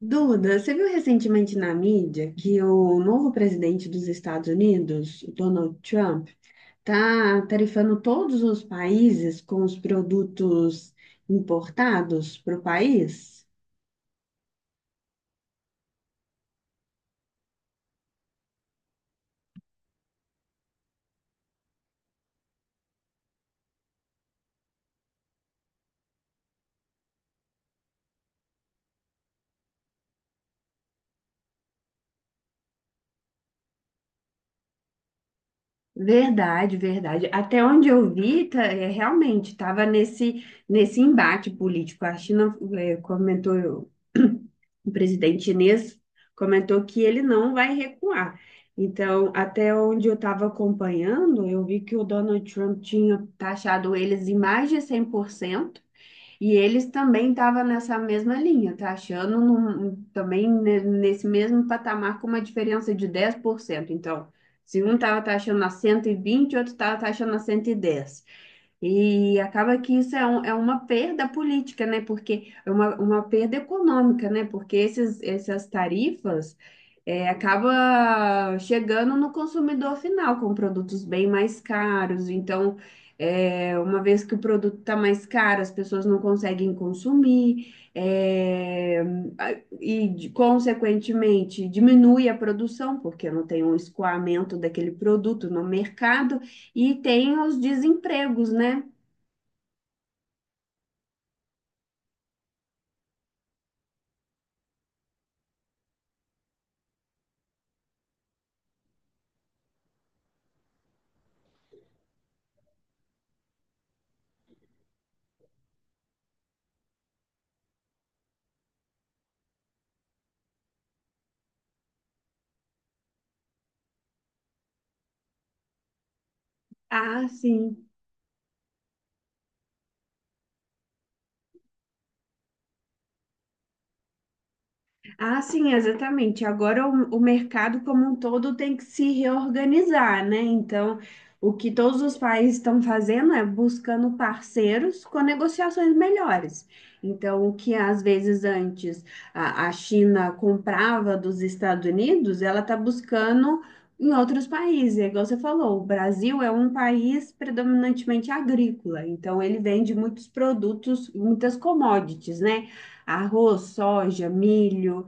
Duda, você viu recentemente na mídia que o novo presidente dos Estados Unidos, o Donald Trump, está tarifando todos os países com os produtos importados para o país? Verdade, verdade. Até onde eu vi, tá, realmente estava nesse embate político. A China comentou, o presidente chinês comentou que ele não vai recuar. Então, até onde eu estava acompanhando, eu vi que o Donald Trump tinha taxado eles em mais de 100%. E eles também estavam nessa mesma linha, tá achando também nesse mesmo patamar com uma diferença de 10%. Então, se um estava taxando a 120, o outro estava taxando a 110. E acaba que isso é uma perda política, né? Porque é uma perda econômica, né? Porque essas tarifas acaba chegando no consumidor final com produtos bem mais caros. Então, uma vez que o produto está mais caro, as pessoas não conseguem consumir, a- e, consequentemente, diminui a produção, porque não tem um escoamento daquele produto no mercado. E tem os desempregos, né? Ah, sim. Ah, sim, exatamente. Agora o mercado como um todo tem que se reorganizar, né? Então, o que todos os países estão fazendo é buscando parceiros com negociações melhores. Então, o que às vezes antes a China comprava dos Estados Unidos, ela está buscando em outros países. É igual você falou, o Brasil é um país predominantemente agrícola, então ele vende muitos produtos, muitas commodities, né? Arroz, soja, milho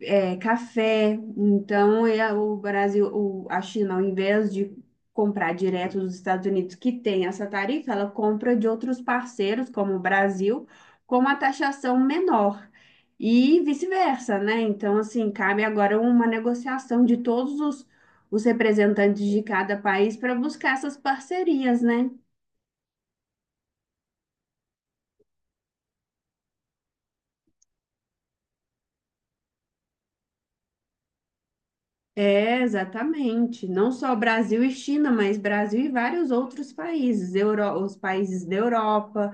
café. Então, o Brasil, a China, ao invés de comprar direto dos Estados Unidos, que tem essa tarifa, ela compra de outros parceiros, como o Brasil, com uma taxação menor. E vice-versa, né? Então, assim, cabe agora uma negociação de todos os representantes de cada país para buscar essas parcerias, né? É, exatamente. Não só Brasil e China, mas Brasil e vários outros países, os países da Europa.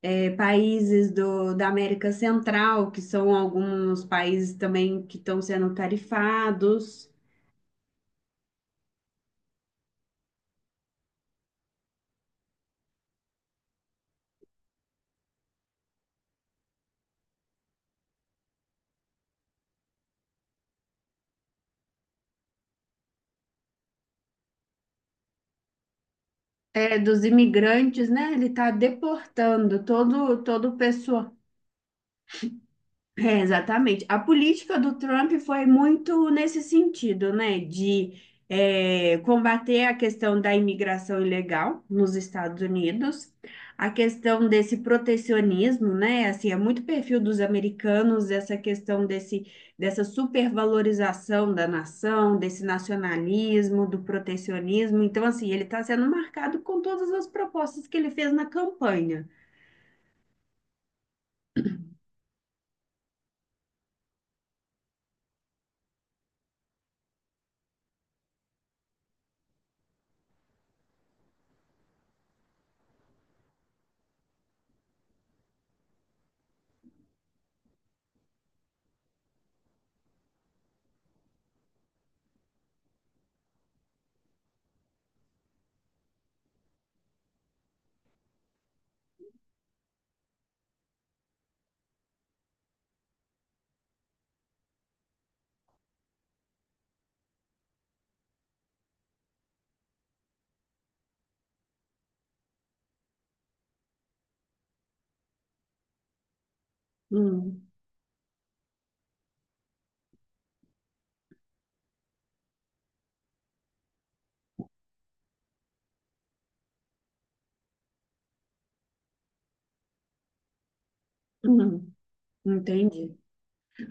Países da América Central, que são alguns países também que estão sendo tarifados. Dos imigrantes, né? Ele está deportando todo o pessoal. É, exatamente. A política do Trump foi muito nesse sentido, né? De combater a questão da imigração ilegal nos Estados Unidos, a questão desse protecionismo, né? Assim, é muito perfil dos americanos essa questão dessa supervalorização da nação, desse nacionalismo, do protecionismo. Então, assim, ele está sendo marcado com todas as propostas que ele fez na campanha. Hum, hum, entendi.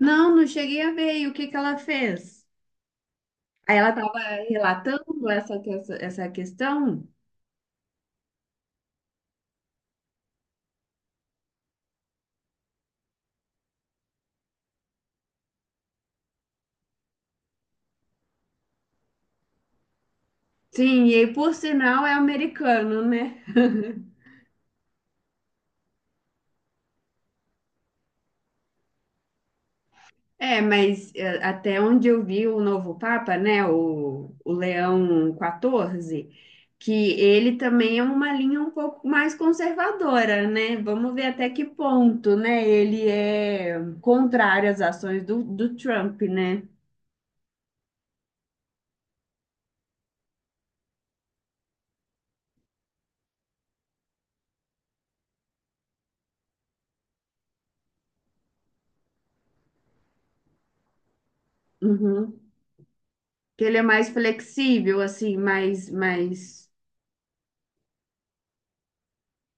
Não, não cheguei a ver. E o que que ela fez? Aí ela estava relatando essa questão. Sim, e aí, por sinal é americano, né? É, mas até onde eu vi o novo Papa, né, o Leão XIV, que ele também é uma linha um pouco mais conservadora, né? Vamos ver até que ponto, né, ele é contrário às ações do Trump, né? Uhum. Que ele é mais flexível, assim, mais.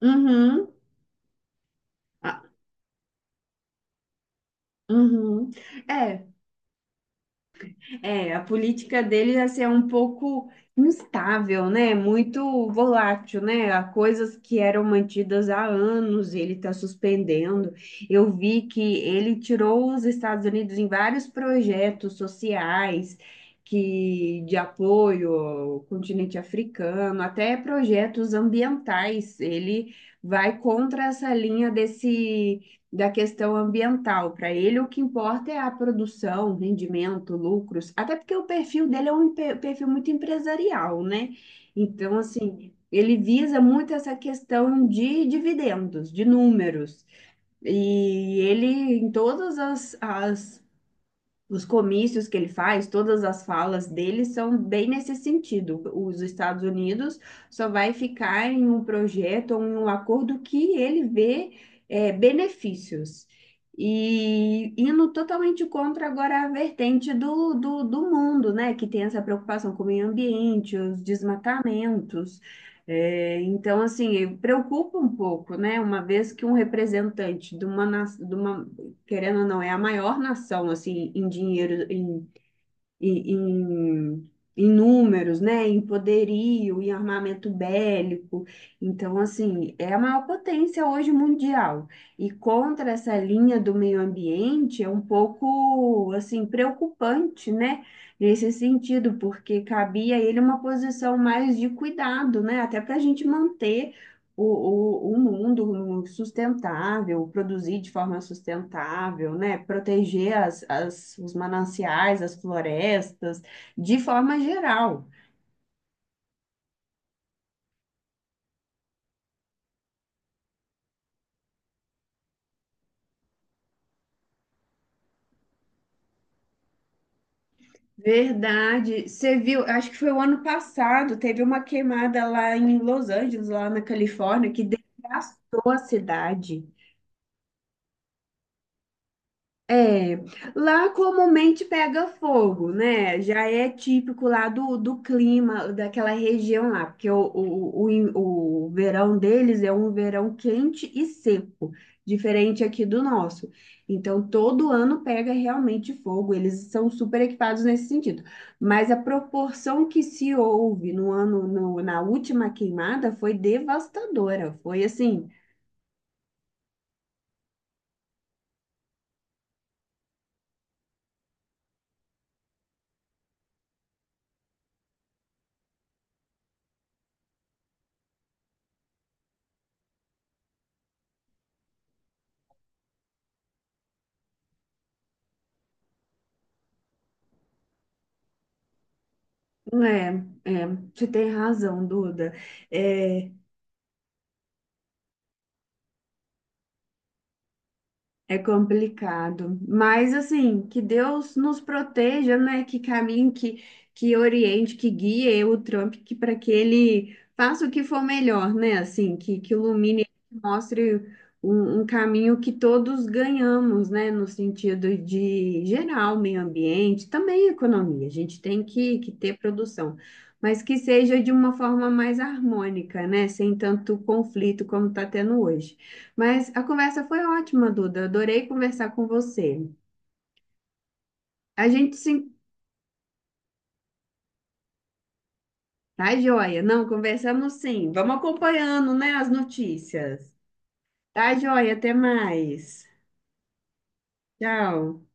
Uhum. Ah, uhum. É, é, a política deles assim, é um pouco instável, né? Muito volátil, né? Há coisas que eram mantidas há anos, ele está suspendendo. Eu vi que ele tirou os Estados Unidos em vários projetos sociais que de apoio ao continente africano, até projetos ambientais. Ele vai contra essa linha desse da questão ambiental. Para ele, o que importa é a produção, rendimento, lucros, até porque o perfil dele é um perfil muito empresarial, né? Então, assim, ele visa muito essa questão de dividendos, de números. E ele, em todas as, as os comícios que ele faz, todas as falas dele são bem nesse sentido. Os Estados Unidos só vai ficar em um projeto ou em um acordo que ele vê benefícios. E indo totalmente contra agora a vertente do mundo, né? Que tem essa preocupação com o meio ambiente, os desmatamentos. Então, assim, preocupa um pouco, né? Uma vez que um representante de uma querendo ou não, é a maior nação, assim, em dinheiro, em, em, em números, né? Em poderio, em armamento bélico. Então, assim, é a maior potência hoje mundial. E contra essa linha do meio ambiente é um pouco, assim, preocupante, né? Nesse sentido, porque cabia a ele uma posição mais de cuidado, né? Até para a gente manter o mundo sustentável, produzir de forma sustentável, né? Proteger os mananciais, as florestas, de forma geral. Verdade. Você viu, acho que foi o ano passado, teve uma queimada lá em Los Angeles, lá na Califórnia, que devastou a cidade. É, lá comumente pega fogo, né? Já é típico lá do clima daquela região lá, porque o verão deles é um verão quente e seco, diferente aqui do nosso. Então, todo ano pega realmente fogo, eles são super equipados nesse sentido. Mas a proporção que se houve no ano, na última queimada foi devastadora, foi assim, é, é, você tem razão, Duda. É, É complicado, mas assim, que Deus nos proteja, né? Que caminhe, que oriente, que guie o Trump, que para que ele faça o que for melhor, né? Assim, que ilumine, que mostre um caminho que todos ganhamos, né? No sentido de geral, meio ambiente, também economia. A gente tem que ter produção, mas que seja de uma forma mais harmônica, né? Sem tanto conflito como está tendo hoje. Mas a conversa foi ótima, Duda. Adorei conversar com você. A gente se. Tá, joia? Não, conversamos sim. Vamos acompanhando, né, as notícias. Tá, joia? Até mais. Tchau.